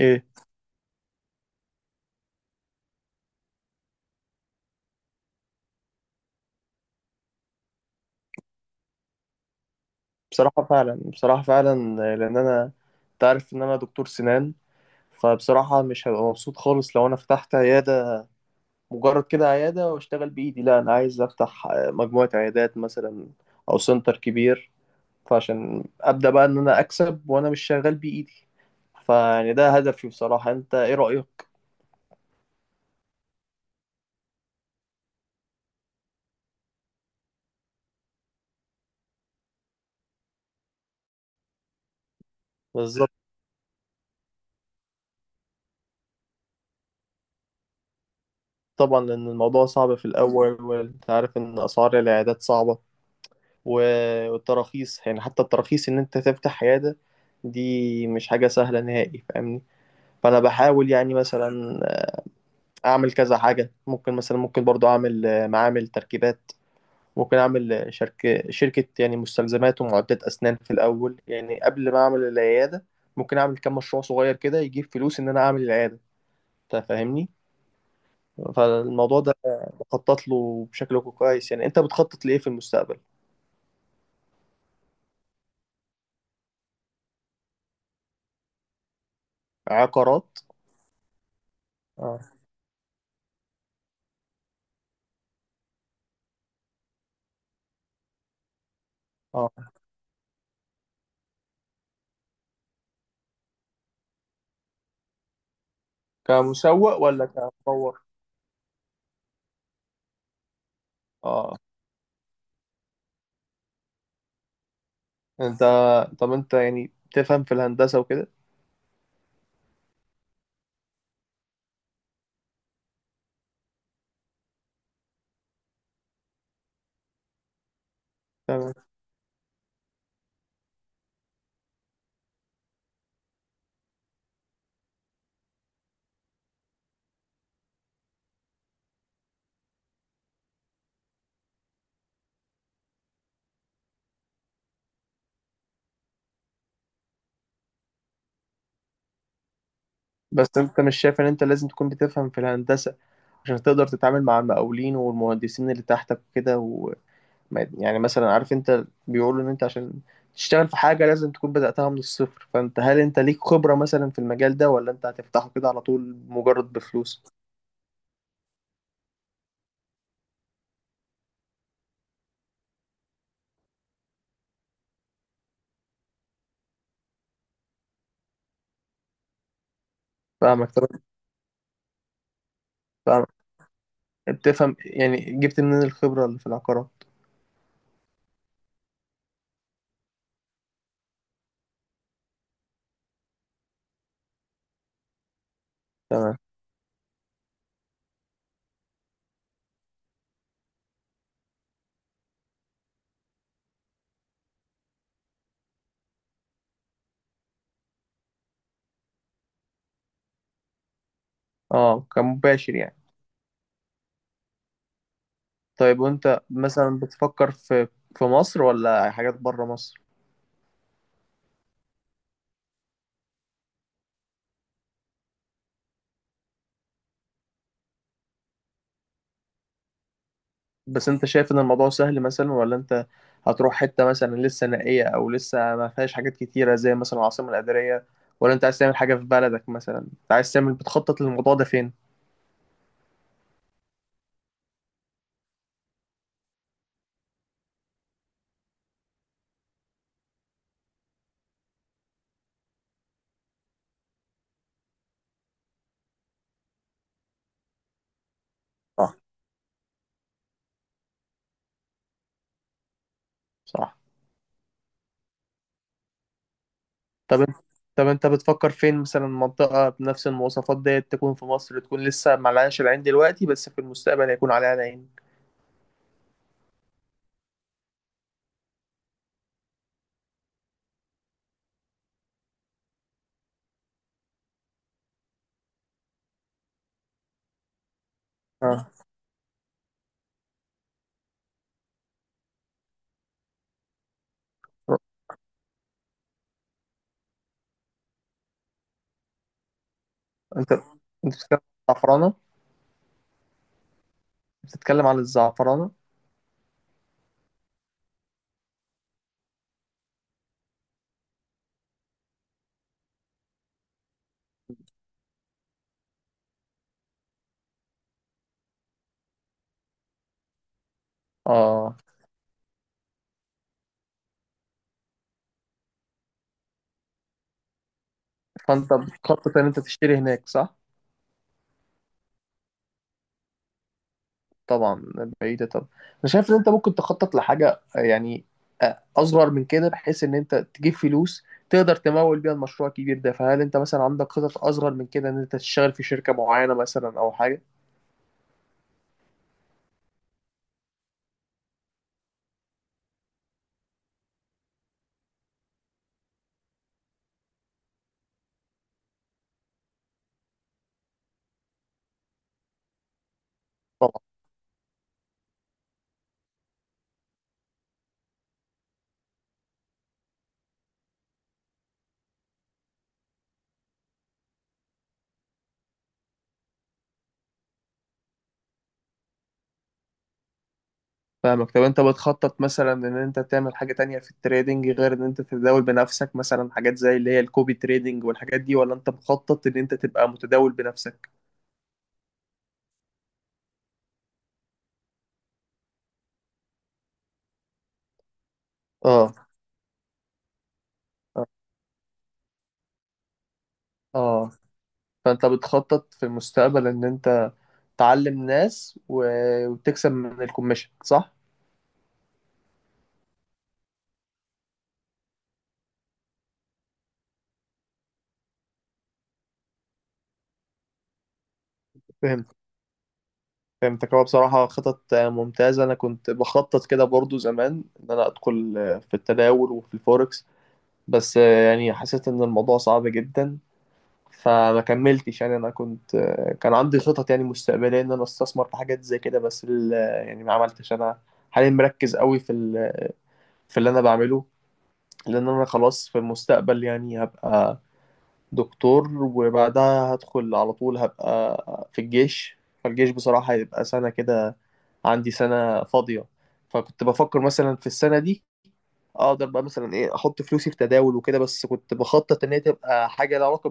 ايه. بصراحة فعلا، بصراحة فعلا. لأن أنا تعرف إن أنا دكتور سنان، فبصراحة مش هبقى مبسوط خالص لو أنا فتحت عيادة مجرد كده عيادة وأشتغل بإيدي. لا، أنا عايز أفتح مجموعة عيادات مثلا أو سنتر كبير. فعشان أبدأ بقى إن أنا أكسب وأنا مش شغال بإيدي. فيعني ده هدفي بصراحة. أنت إيه رأيك؟ بالظبط. طبعا، لأن الموضوع صعب في الأول وأنت عارف إن أسعار العيادات صعبة والتراخيص، يعني حتى التراخيص ان انت تفتح عيادة دي مش حاجة سهلة نهائي، فاهمني. فانا بحاول يعني مثلا اعمل كذا حاجة. ممكن مثلا ممكن برضو اعمل معامل تركيبات. ممكن اعمل شركة يعني مستلزمات ومعدات اسنان في الاول، يعني قبل ما اعمل العيادة. ممكن اعمل كام مشروع صغير كده يجيب فلوس ان انا اعمل العيادة. انت فاهمني. فالموضوع ده بخطط له بشكل كويس. يعني انت بتخطط لايه في المستقبل؟ عقارات. اه. اه. كمسوق ولا كمطور؟ اه. يعني انت، طب انت يعني تفهم في الهندسة وكده؟ تمام. بس انت مش شايف ان انت لازم تكون بتفهم في الهندسة عشان تقدر تتعامل مع المقاولين والمهندسين اللي تحتك وكده و... يعني مثلا عارف، انت بيقولوا ان انت عشان تشتغل في حاجة لازم تكون بدأتها من الصفر. فانت هل انت ليك خبرة مثلا في المجال ده ولا انت هتفتحه كده على طول مجرد بفلوس؟ فاهمك. طب فاهمك، بتفهم، يعني جبت منين الخبرة اللي في العقارات؟ تمام. اه، كمباشر يعني. طيب، وانت مثلا بتفكر في في مصر ولا حاجات بره مصر؟ بس انت شايف ان الموضوع سهل مثلا، ولا انت هتروح حتة مثلا لسه نائية او لسه ما فيهاش حاجات كتيرة زي مثلا العاصمة الإدارية، ولا انت عايز تعمل حاجة في بلدك؟ مثلا انت عايز تعمل، بتخطط للموضوع ده فين؟ صح. صح. طب انت طب انت بتفكر فين مثلا؟ منطقة بنفس المواصفات ديت تكون في مصر، تكون لسه معلهاش العين دلوقتي بس في المستقبل هيكون عليها العين. اه. انت انت بتتكلم عن الزعفرانة؟ بتتكلم عن الزعفرانة. اه. فانت بتخطط ان انت تشتري هناك صح؟ طبعا. بعيدة. طب انا شايف ان انت ممكن تخطط لحاجة يعني اصغر من كده بحيث ان انت تجيب فلوس تقدر تمول بيها المشروع الكبير ده. فهل انت مثلا عندك خطط اصغر من كده ان انت تشتغل في شركة معينة مثلا او حاجة؟ طبعا. فاهمك. طب انت بتخطط مثلا ان انت تعمل حاجة تانية في التريدنج غير ان انت تتداول بنفسك؟ مثلا حاجات زي اللي هي الكوبي تريدنج والحاجات دي، ولا انت مخطط ان انت تبقى متداول بنفسك؟ اه. اه. فانت بتخطط في المستقبل ان انت تعلم ناس وتكسب من الكوميشن صح؟ فهمت. فهمتك. هو بصراحة خطط ممتازة. أنا كنت بخطط كده برضو زمان إن أنا أدخل في التداول وفي الفوركس، بس يعني حسيت إن الموضوع صعب جدا فما كملتش. يعني أنا كنت كان عندي خطط يعني مستقبلية إن أنا أستثمر في حاجات زي كده، بس يعني ما عملتش أنا حاليا مركز قوي في في اللي أنا بعمله، لأن أنا خلاص في المستقبل يعني هبقى دكتور وبعدها هدخل على طول هبقى في الجيش. فالجيش بصراحة هيبقى سنة كده، عندي سنة فاضية. فكنت بفكر مثلا في السنة دي اقدر بقى مثلا ايه احط فلوسي في تداول وكده، بس كنت بخطط ان هي تبقى حاجة لها علاقة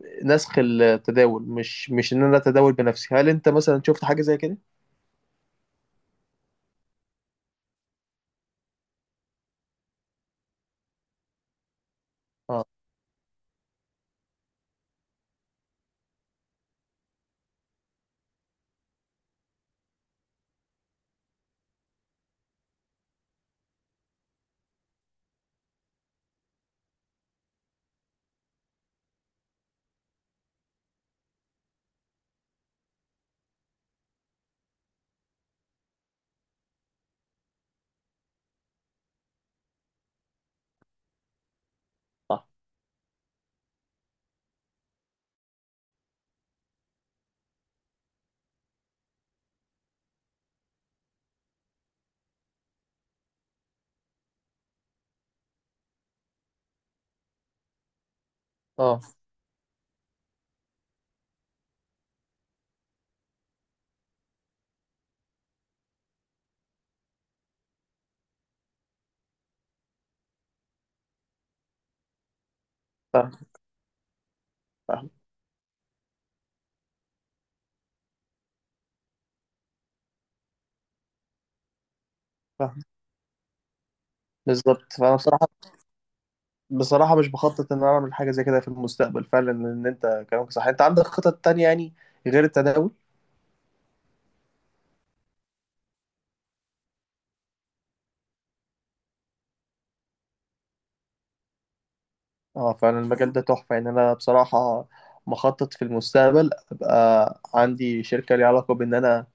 بنسخ التداول، مش ان انا اتداول بنفسي. هل انت مثلا شفت حاجة زي كده؟ صح. اه. فاهم. فاهم. فاهم. بالظبط. فانا بصراحة، بصراحة مش بخطط ان انا اعمل حاجة زي كده في المستقبل. فعلا ان انت كلامك صح. انت عندك خطط تانية يعني غير التداول؟ اه فعلا المجال ده تحفة. يعني أنا بصراحة مخطط في المستقبل أبقى عندي شركة ليها علاقة بإن أنا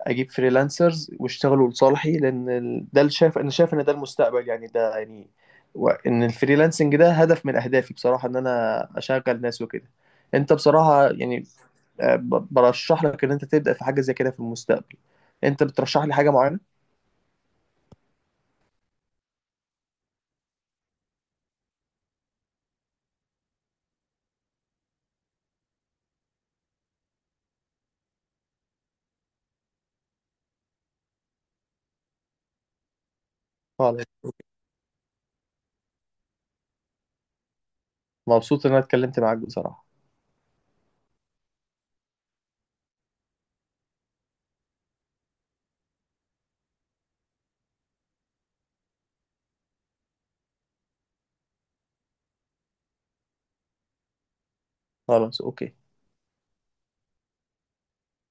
أجيب فريلانسرز واشتغلوا لصالحي، لأن ده اللي شايف، أنا شايف إن ده المستقبل يعني. ده يعني إن الفريلانسنج ده هدف من أهدافي بصراحة، إن أنا أشغل ناس وكده. أنت بصراحة يعني برشح لك إن أنت تبدأ في حاجة زي كده في المستقبل. أنت بترشح لي حاجة معينة؟ خلاص. مبسوط إن أنا اتكلمت معاك بصراحة. خلاص، أوكي.